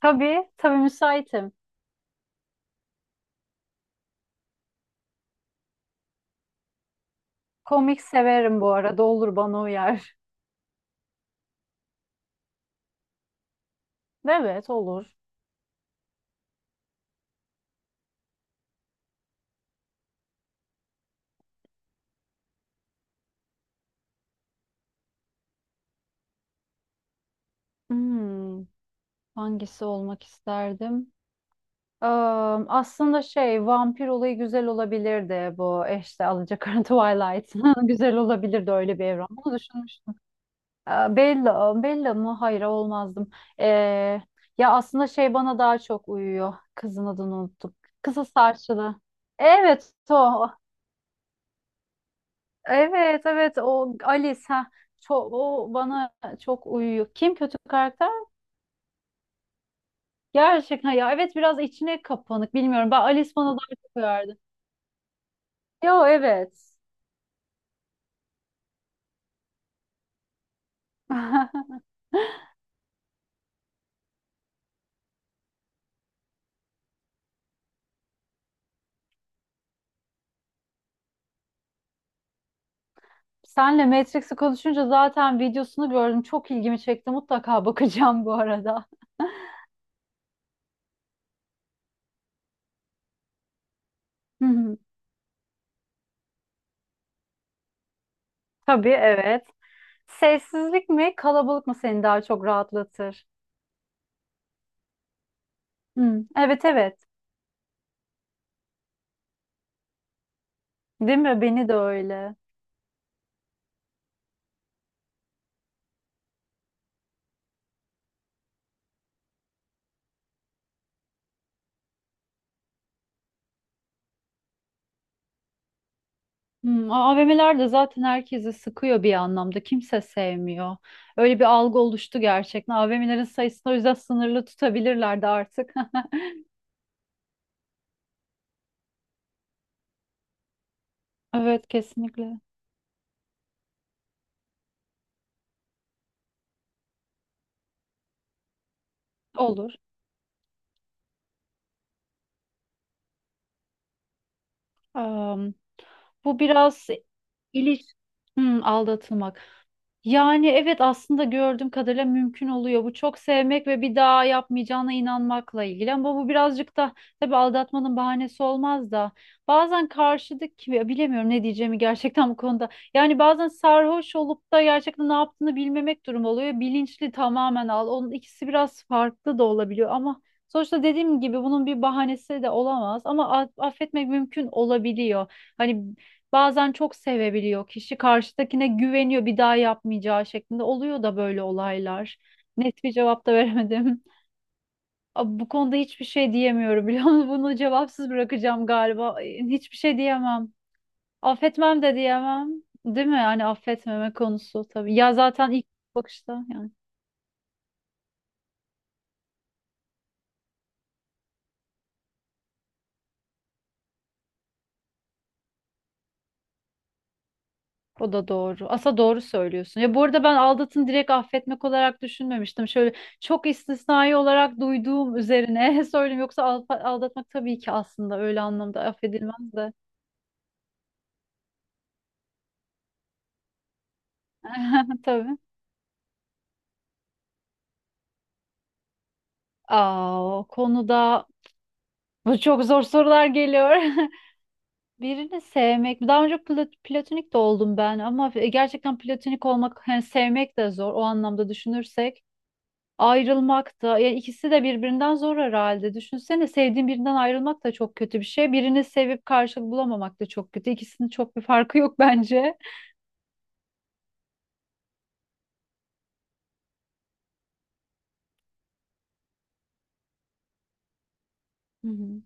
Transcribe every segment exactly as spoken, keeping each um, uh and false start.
Tabii, tabii müsaitim. Komik severim bu arada. Olur bana uyar. Evet, olur. Hmm, hangisi olmak isterdim? Eee, aslında şey, vampir olayı güzel olabilirdi bu. E işte Alacakaranlı Twilight. Güzel olabilirdi öyle bir evren. Bunu düşünmüştüm. Eee, Bella, Bella mı? Hayır, olmazdım. Eee, ya aslında şey bana daha çok uyuyor. Kızın adını unuttum. Kızıl saçlı. Evet, o. Evet, evet, o Alice, ha? çok o bana Çok uyuyor. Kim kötü karakter? Gerçekten ya, evet, biraz içine kapanık, bilmiyorum. Ben Alice bana daha çok uyardı. Yo, evet. Senle Matrix'i konuşunca zaten videosunu gördüm. Çok ilgimi çekti. Mutlaka bakacağım bu arada. Hı hı. Tabii, evet. Sessizlik mi, kalabalık mı seni daha çok rahatlatır? Hı. Evet, evet. Değil mi? Beni de öyle. Hmm, A V M'ler de zaten herkesi sıkıyor bir anlamda. Kimse sevmiyor. Öyle bir algı oluştu gerçekten. A V M'lerin sayısını o yüzden sınırlı tutabilirlerdi artık. Evet, kesinlikle. Olur. Bu biraz İliş hmm, aldatılmak. Yani evet, aslında gördüğüm kadarıyla mümkün oluyor. Bu çok sevmek ve bir daha yapmayacağına inanmakla ilgili. Ama bu birazcık da tabii, aldatmanın bahanesi olmaz da. Bazen karşıdaki ya, bilemiyorum ne diyeceğimi gerçekten bu konuda. Yani bazen sarhoş olup da gerçekten ne yaptığını bilmemek durumu oluyor. Bilinçli tamamen al. Onun ikisi biraz farklı da olabiliyor ama sonuçta dediğim gibi bunun bir bahanesi de olamaz ama a- affetmek mümkün olabiliyor. Hani bazen çok sevebiliyor kişi. Karşıdakine güveniyor bir daha yapmayacağı şeklinde. Oluyor da böyle olaylar. Net bir cevap da veremedim. Abi, bu konuda hiçbir şey diyemiyorum, biliyor musun? Bunu cevapsız bırakacağım galiba. Ay, hiçbir şey diyemem. Affetmem de diyemem. Değil mi? Yani affetmeme konusu tabii. Ya zaten ilk bakışta yani. O da doğru. Asa doğru söylüyorsun. Ya bu arada ben aldatın direkt affetmek olarak düşünmemiştim. Şöyle çok istisnai olarak duyduğum üzerine söyleyeyim. Yoksa al- aldatmak tabii ki aslında öyle anlamda affedilmez de. Tabii. Aa, o konuda bu çok zor sorular geliyor. Birini sevmek. Daha önce pla- platonik de oldum ben ama gerçekten platonik olmak, hani sevmek de zor o anlamda düşünürsek. Ayrılmak da yani, ikisi de birbirinden zor herhalde. Düşünsene, sevdiğin birinden ayrılmak da çok kötü bir şey. Birini sevip karşılık bulamamak da çok kötü. İkisinin çok bir farkı yok bence. Hı hı.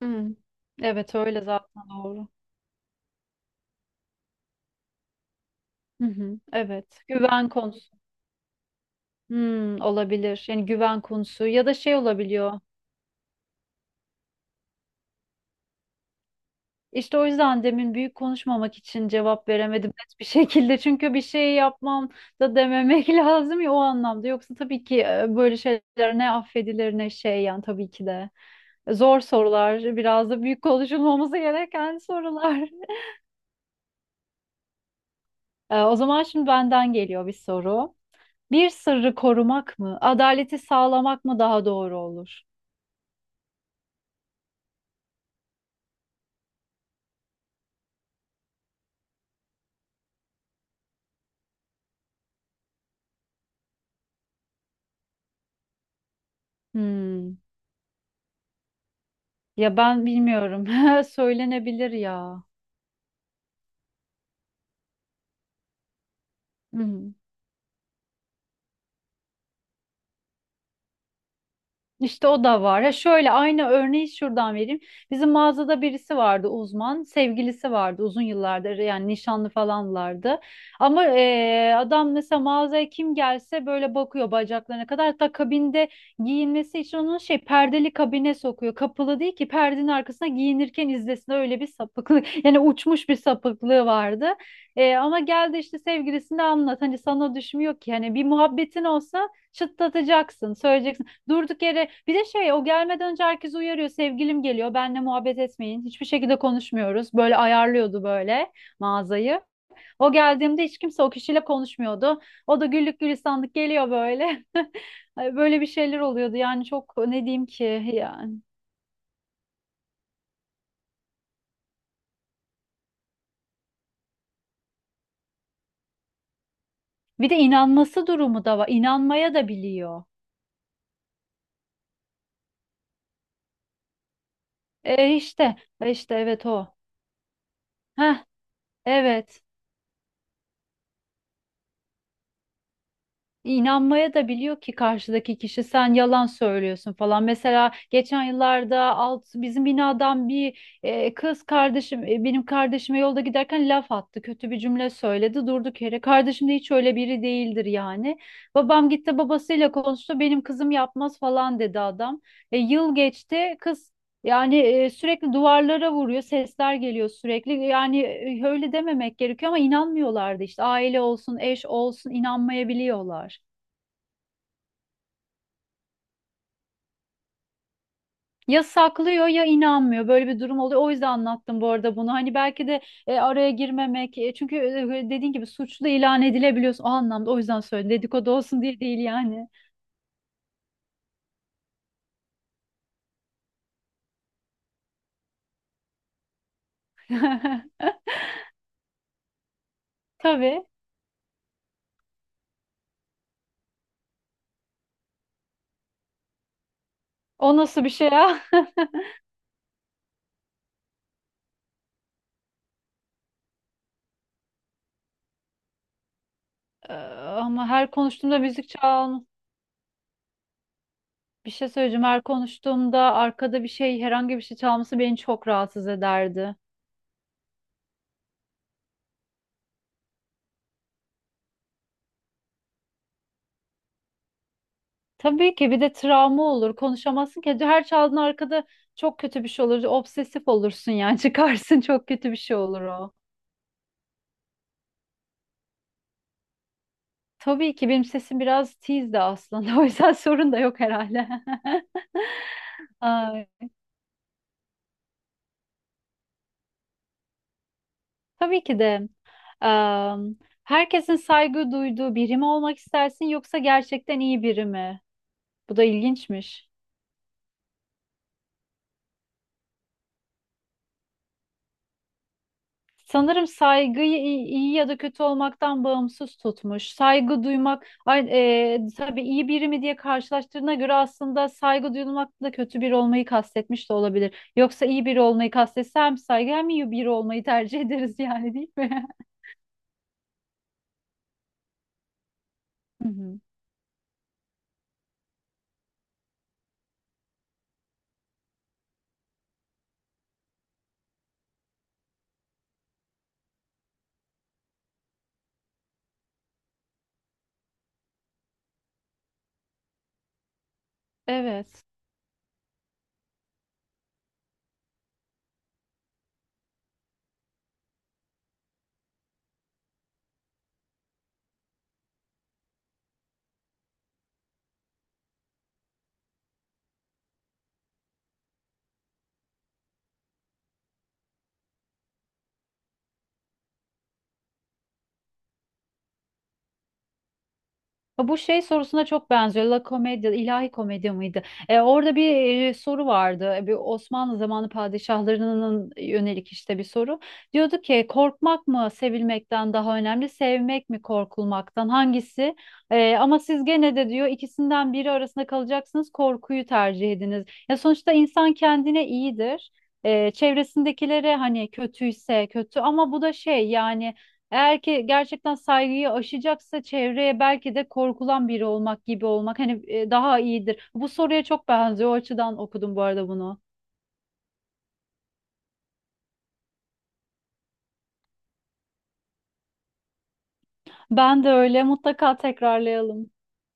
Hmm. Evet, öyle zaten, doğru. Hı hı. Evet, güven konusu. Hmm, olabilir. Yani güven konusu ya da şey olabiliyor. İşte o yüzden demin büyük konuşmamak için cevap veremedim net bir şekilde. Çünkü bir şey yapmam da dememek lazım ya o anlamda. Yoksa tabii ki e, böyle şeyler ne affedilir ne şey yani tabii ki de. Zor sorular, biraz da büyük konuşulmaması gereken sorular. E, O zaman şimdi benden geliyor bir soru. Bir sırrı korumak mı, adaleti sağlamak mı daha doğru olur? Hmm. Ya ben bilmiyorum. Söylenebilir ya. Hı hı. İşte o da var. Ha, şöyle aynı örneği şuradan vereyim. Bizim mağazada birisi vardı, uzman. Sevgilisi vardı uzun yıllardır, yani nişanlı falanlardı. Ama eee, adam mesela mağazaya kim gelse böyle bakıyor bacaklarına kadar. Hatta kabinde giyinmesi için onun şey perdeli kabine sokuyor. Kapılı değil ki, perdenin arkasına giyinirken izlesin, öyle bir sapıklık. Yani uçmuş bir sapıklığı vardı. Eee, ama geldi işte sevgilisini anlat. Hani sana düşmüyor ki. Hani bir muhabbetin olsa çıtlatacaksın. Söyleyeceksin. Durduk yere bir de şey, o gelmeden önce herkes uyarıyor, sevgilim geliyor benle muhabbet etmeyin hiçbir şekilde, konuşmuyoruz, böyle ayarlıyordu, böyle mağazayı. O geldiğimde hiç kimse o kişiyle konuşmuyordu, o da güllük gülistanlık geliyor böyle. Ay, böyle bir şeyler oluyordu yani, çok ne diyeyim ki yani. Bir de inanması durumu da var, inanmaya da biliyor. E işte e işte evet, o. Heh, evet. İnanmaya da biliyor ki karşıdaki kişi sen yalan söylüyorsun falan. Mesela geçen yıllarda alt bizim binadan bir e, kız kardeşim, e, benim kardeşime yolda giderken laf attı. Kötü bir cümle söyledi. Durduk yere. Kardeşim de hiç öyle biri değildir yani. Babam gitti, babasıyla konuştu. Benim kızım yapmaz falan dedi adam. E, yıl geçti. Kız. Yani e, sürekli duvarlara vuruyor, sesler geliyor sürekli. Yani e, öyle dememek gerekiyor ama inanmıyorlardı işte. Aile olsun, eş olsun inanmayabiliyorlar. Ya saklıyor ya inanmıyor. Böyle bir durum oluyor. O yüzden anlattım bu arada bunu. Hani belki de e, araya girmemek. E, çünkü e, e, dediğin gibi suçlu ilan edilebiliyorsun. O anlamda, o yüzden söyledim. Dedikodu olsun diye değil yani. Tabii. O nasıl bir şey ya? Ee, ama her konuştuğumda müzik çal. Bir şey söyleyeceğim. Her konuştuğumda arkada bir şey, herhangi bir şey çalması beni çok rahatsız ederdi. Tabii ki bir de travma olur. Konuşamazsın ki. Her çaldığın arkada çok kötü bir şey olur. Obsesif olursun yani. Çıkarsın, çok kötü bir şey olur o. Tabii ki benim sesim biraz tiz de aslında. O yüzden sorun da yok herhalde. Ay, tabii ki de. Am, herkesin saygı duyduğu biri mi olmak istersin yoksa gerçekten iyi biri mi? Bu da ilginçmiş. Sanırım saygıyı iyi, iyi ya da kötü olmaktan bağımsız tutmuş. Saygı duymak, ay, e, tabii iyi biri mi diye karşılaştırdığına göre aslında saygı duyulmakla kötü biri olmayı kastetmiş de olabilir. Yoksa iyi biri olmayı kastetse hem saygı hem iyi biri olmayı tercih ederiz yani, değil mi? Hı hı. Evet. Bu şey sorusuna çok benziyor. La Commedia, ilahi komedi miydi? E, orada bir e, soru vardı. E, bir Osmanlı zamanı padişahlarının yönelik işte bir soru. Diyordu ki korkmak mı sevilmekten daha önemli, sevmek mi korkulmaktan, hangisi? E, ama siz gene de diyor ikisinden biri arasında kalacaksınız, korkuyu tercih ediniz. Ya sonuçta insan kendine iyidir. E, çevresindekilere hani kötüyse kötü ama bu da şey yani, eğer ki gerçekten saygıyı aşacaksa çevreye, belki de korkulan biri olmak gibi olmak hani e, daha iyidir. Bu soruya çok benziyor. O açıdan okudum bu arada bunu. Ben de öyle. Mutlaka tekrarlayalım.